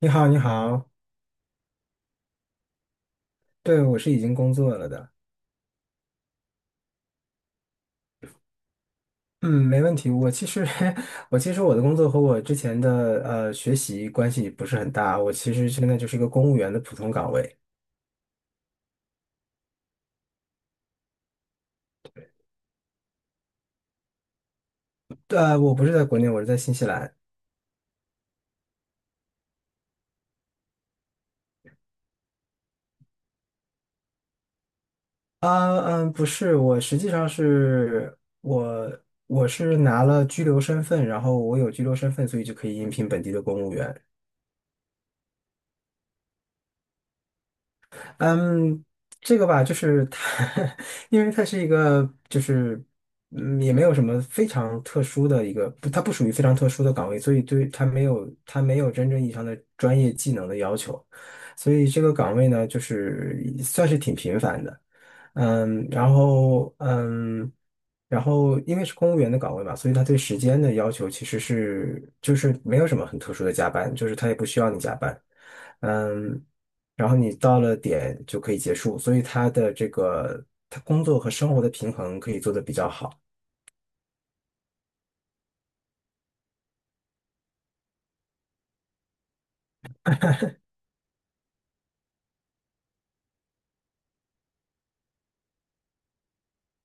你好，你好。对，我是已经工作了的。嗯，没问题。我其实，我其实我的工作和我之前的学习关系不是很大。我其实现在就是一个公务员的普通岗位。对，我不是在国内，我是在新西兰。不是，我实际上是我是拿了居留身份，然后我有居留身份，所以就可以应聘本地的公务员。嗯，这个吧，就是它，因为它是一个，就是嗯，也没有什么非常特殊的一个，不，它不属于非常特殊的岗位，所以对它没有它没有真正意义上的专业技能的要求，所以这个岗位呢，就是算是挺频繁的。嗯，然后嗯，然后因为是公务员的岗位嘛，所以他对时间的要求其实是就是没有什么很特殊的加班，就是他也不需要你加班，嗯，然后你到了点就可以结束，所以他的这个他工作和生活的平衡可以做得比较好。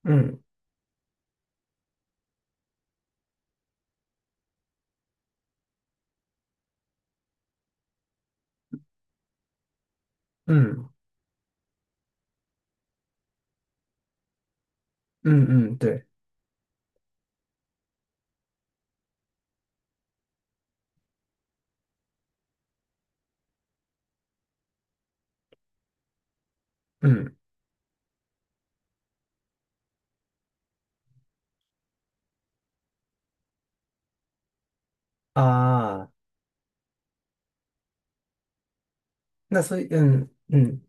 嗯嗯嗯，对，嗯。啊，那所以嗯嗯。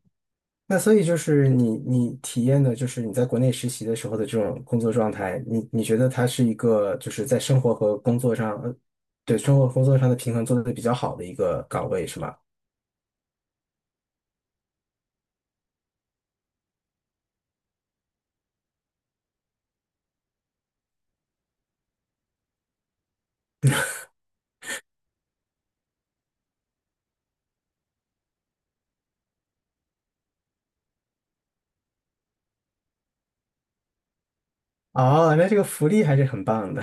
那所以就是你体验的，就是你在国内实习的时候的这种工作状态，你觉得它是一个就是在生活和工作上，对生活和工作上的平衡做得比较好的一个岗位是吗？哦，那这个福利还是很棒的。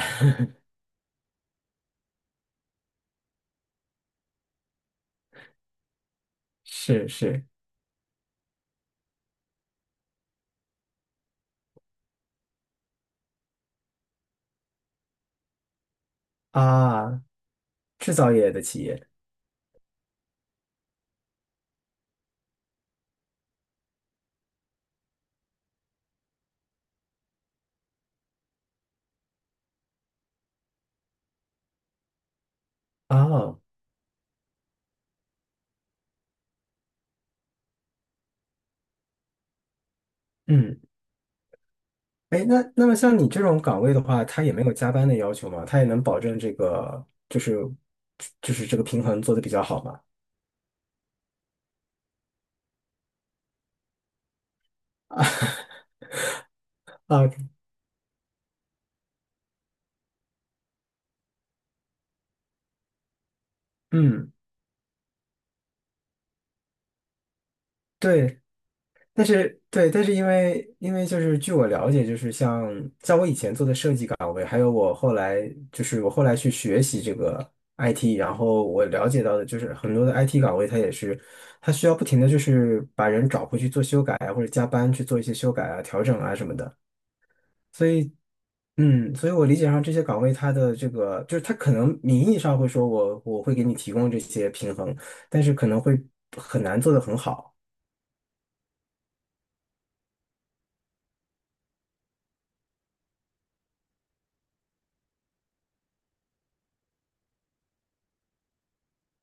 是是。啊，制造业的企业。哦，嗯，哎，那那么像你这种岗位的话，它也没有加班的要求吗？它也能保证就是这个平衡做得比较好吗？啊，嗯。对，但是对，但是因为就是据我了解，就是像我以前做的设计岗位，还有我后来就是我后来去学习这个 IT，然后我了解到的就是很多的 IT 岗位，它也是它需要不停的就是把人找回去做修改啊，或者加班去做一些修改啊、调整啊什么的。所以，嗯，所以我理解上这些岗位它的这个就是它可能名义上会说我会给你提供这些平衡，但是可能会很难做得很好。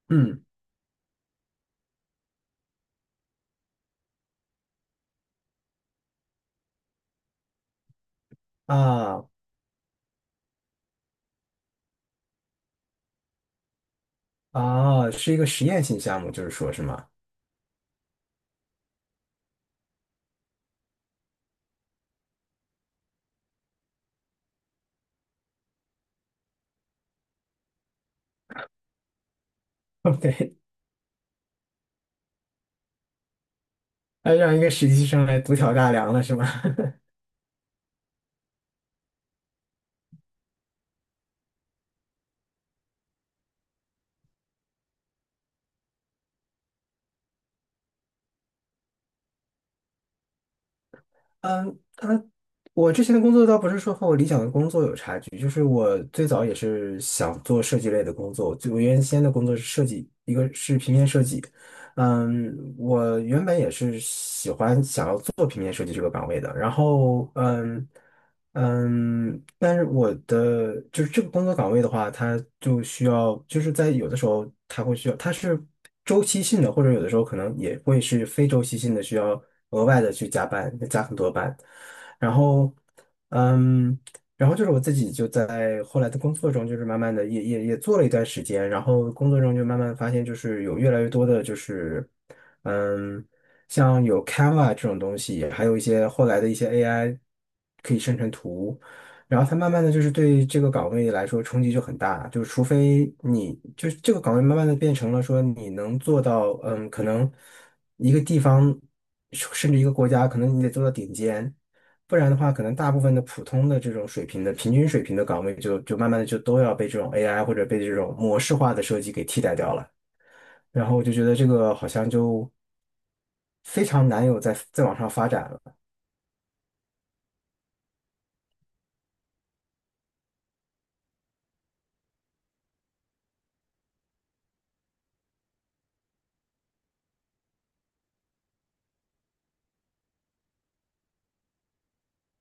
嗯。啊，啊，是一个实验性项目，就是说是吗？对，那让一个实习生来独挑大梁了是吗？嗯，他，我之前的工作倒不是说和我理想的工作有差距，就是我最早也是想做设计类的工作，就我原先的工作是设计，一个是平面设计，嗯，我原本也是喜欢想要做平面设计这个岗位的，然后嗯，但是我的就是这个工作岗位的话，它就需要就是在有的时候它会需要，它是周期性的，或者有的时候可能也会是非周期性的，需要额外的去加班，加很多班，然后。嗯，然后就是我自己就在后来的工作中，就是慢慢的也做了一段时间，然后工作中就慢慢发现，就是有越来越多的，就是嗯，像有 Canva 这种东西，还有一些后来的一些 AI 可以生成图，然后它慢慢的就是对这个岗位来说冲击就很大，就是除非你就是这个岗位慢慢的变成了说你能做到，嗯，可能一个地方甚至一个国家，可能你得做到顶尖。不然的话，可能大部分的普通的这种水平的平均水平的岗位就，就慢慢的就都要被这种 AI 或者被这种模式化的设计给替代掉了。然后我就觉得这个好像就非常难有再往上发展了。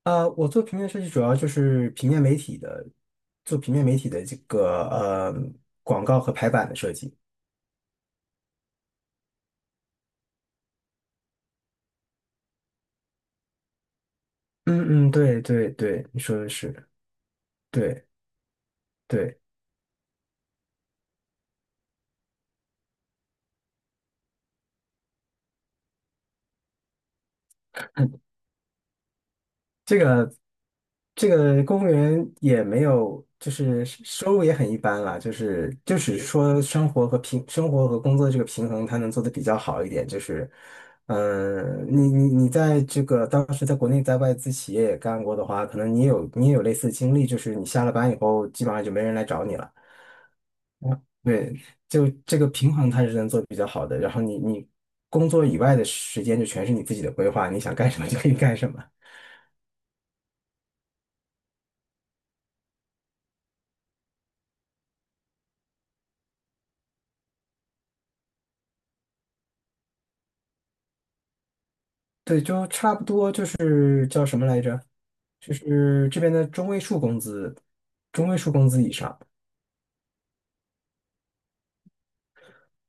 呃，我做平面设计主要就是平面媒体的，做平面媒体的这个广告和排版的设计。嗯嗯，对，你说的是。对对。这个这个公务员也没有，就是收入也很一般啦，就是就是说生活和工作这个平衡，他能做的比较好一点。就是，嗯、你在这个当时在国内在外资企业也干过的话，可能你也有类似的经历，就是你下了班以后，基本上就没人来找你了。对，就这个平衡它是能做得比较好的。然后你工作以外的时间就全是你自己的规划，你想干什么就可以干什么。对，就差不多就是叫什么来着？就是这边的中位数工资，中位数工资以上。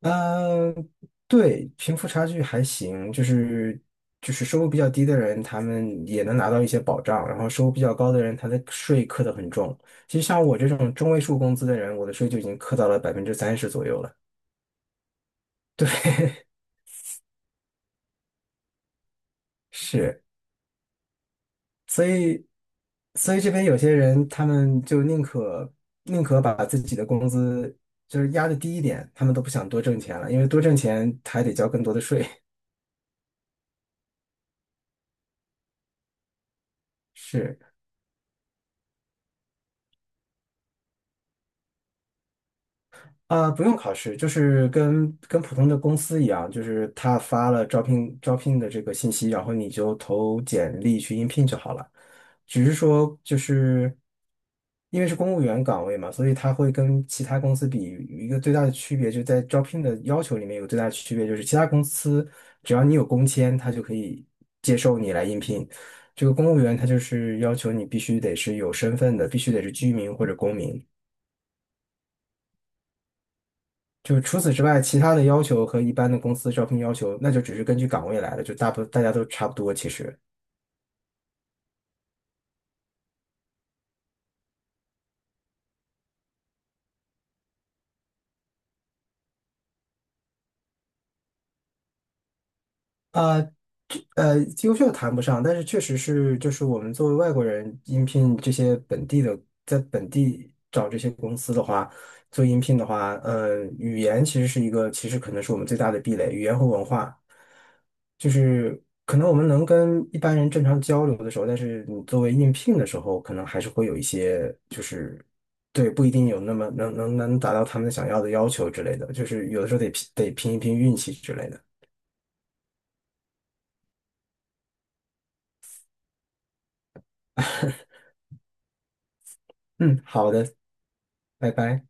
嗯，对，贫富差距还行，就是就是收入比较低的人，他们也能拿到一些保障，然后收入比较高的人，他的税课得很重。其实像我这种中位数工资的人，我的税就已经课到了30%左右了。对，是。所以，所以这边有些人他们就宁可把自己的工资就是压的低一点，他们都不想多挣钱了，因为多挣钱还得交更多的税。是。啊，不用考试，就是跟普通的公司一样，就是他发了招聘的这个信息，然后你就投简历去应聘就好了。只是说，就是因为是公务员岗位嘛，所以他会跟其他公司比，有一个最大的区别就在招聘的要求里面有个最大的区别，就是其他公司只要你有工签，他就可以接受你来应聘。这个公务员他就是要求你必须得是有身份的，必须得是居民或者公民。就除此之外，其他的要求和一般的公司招聘要求，那就只是根据岗位来的，就大部大家都差不多其实。呃呃，优秀谈不上，但是确实是，就是我们作为外国人应聘这些本地的，在本地找这些公司的话，做应聘的话，呃，语言其实是一个，其实可能是我们最大的壁垒，语言和文化，就是可能我们能跟一般人正常交流的时候，但是你作为应聘的时候，可能还是会有一些，就是对，不一定有那么能达到他们想要的要求之类的，就是有的时候得拼一拼运气之类的。嗯，好的，拜拜。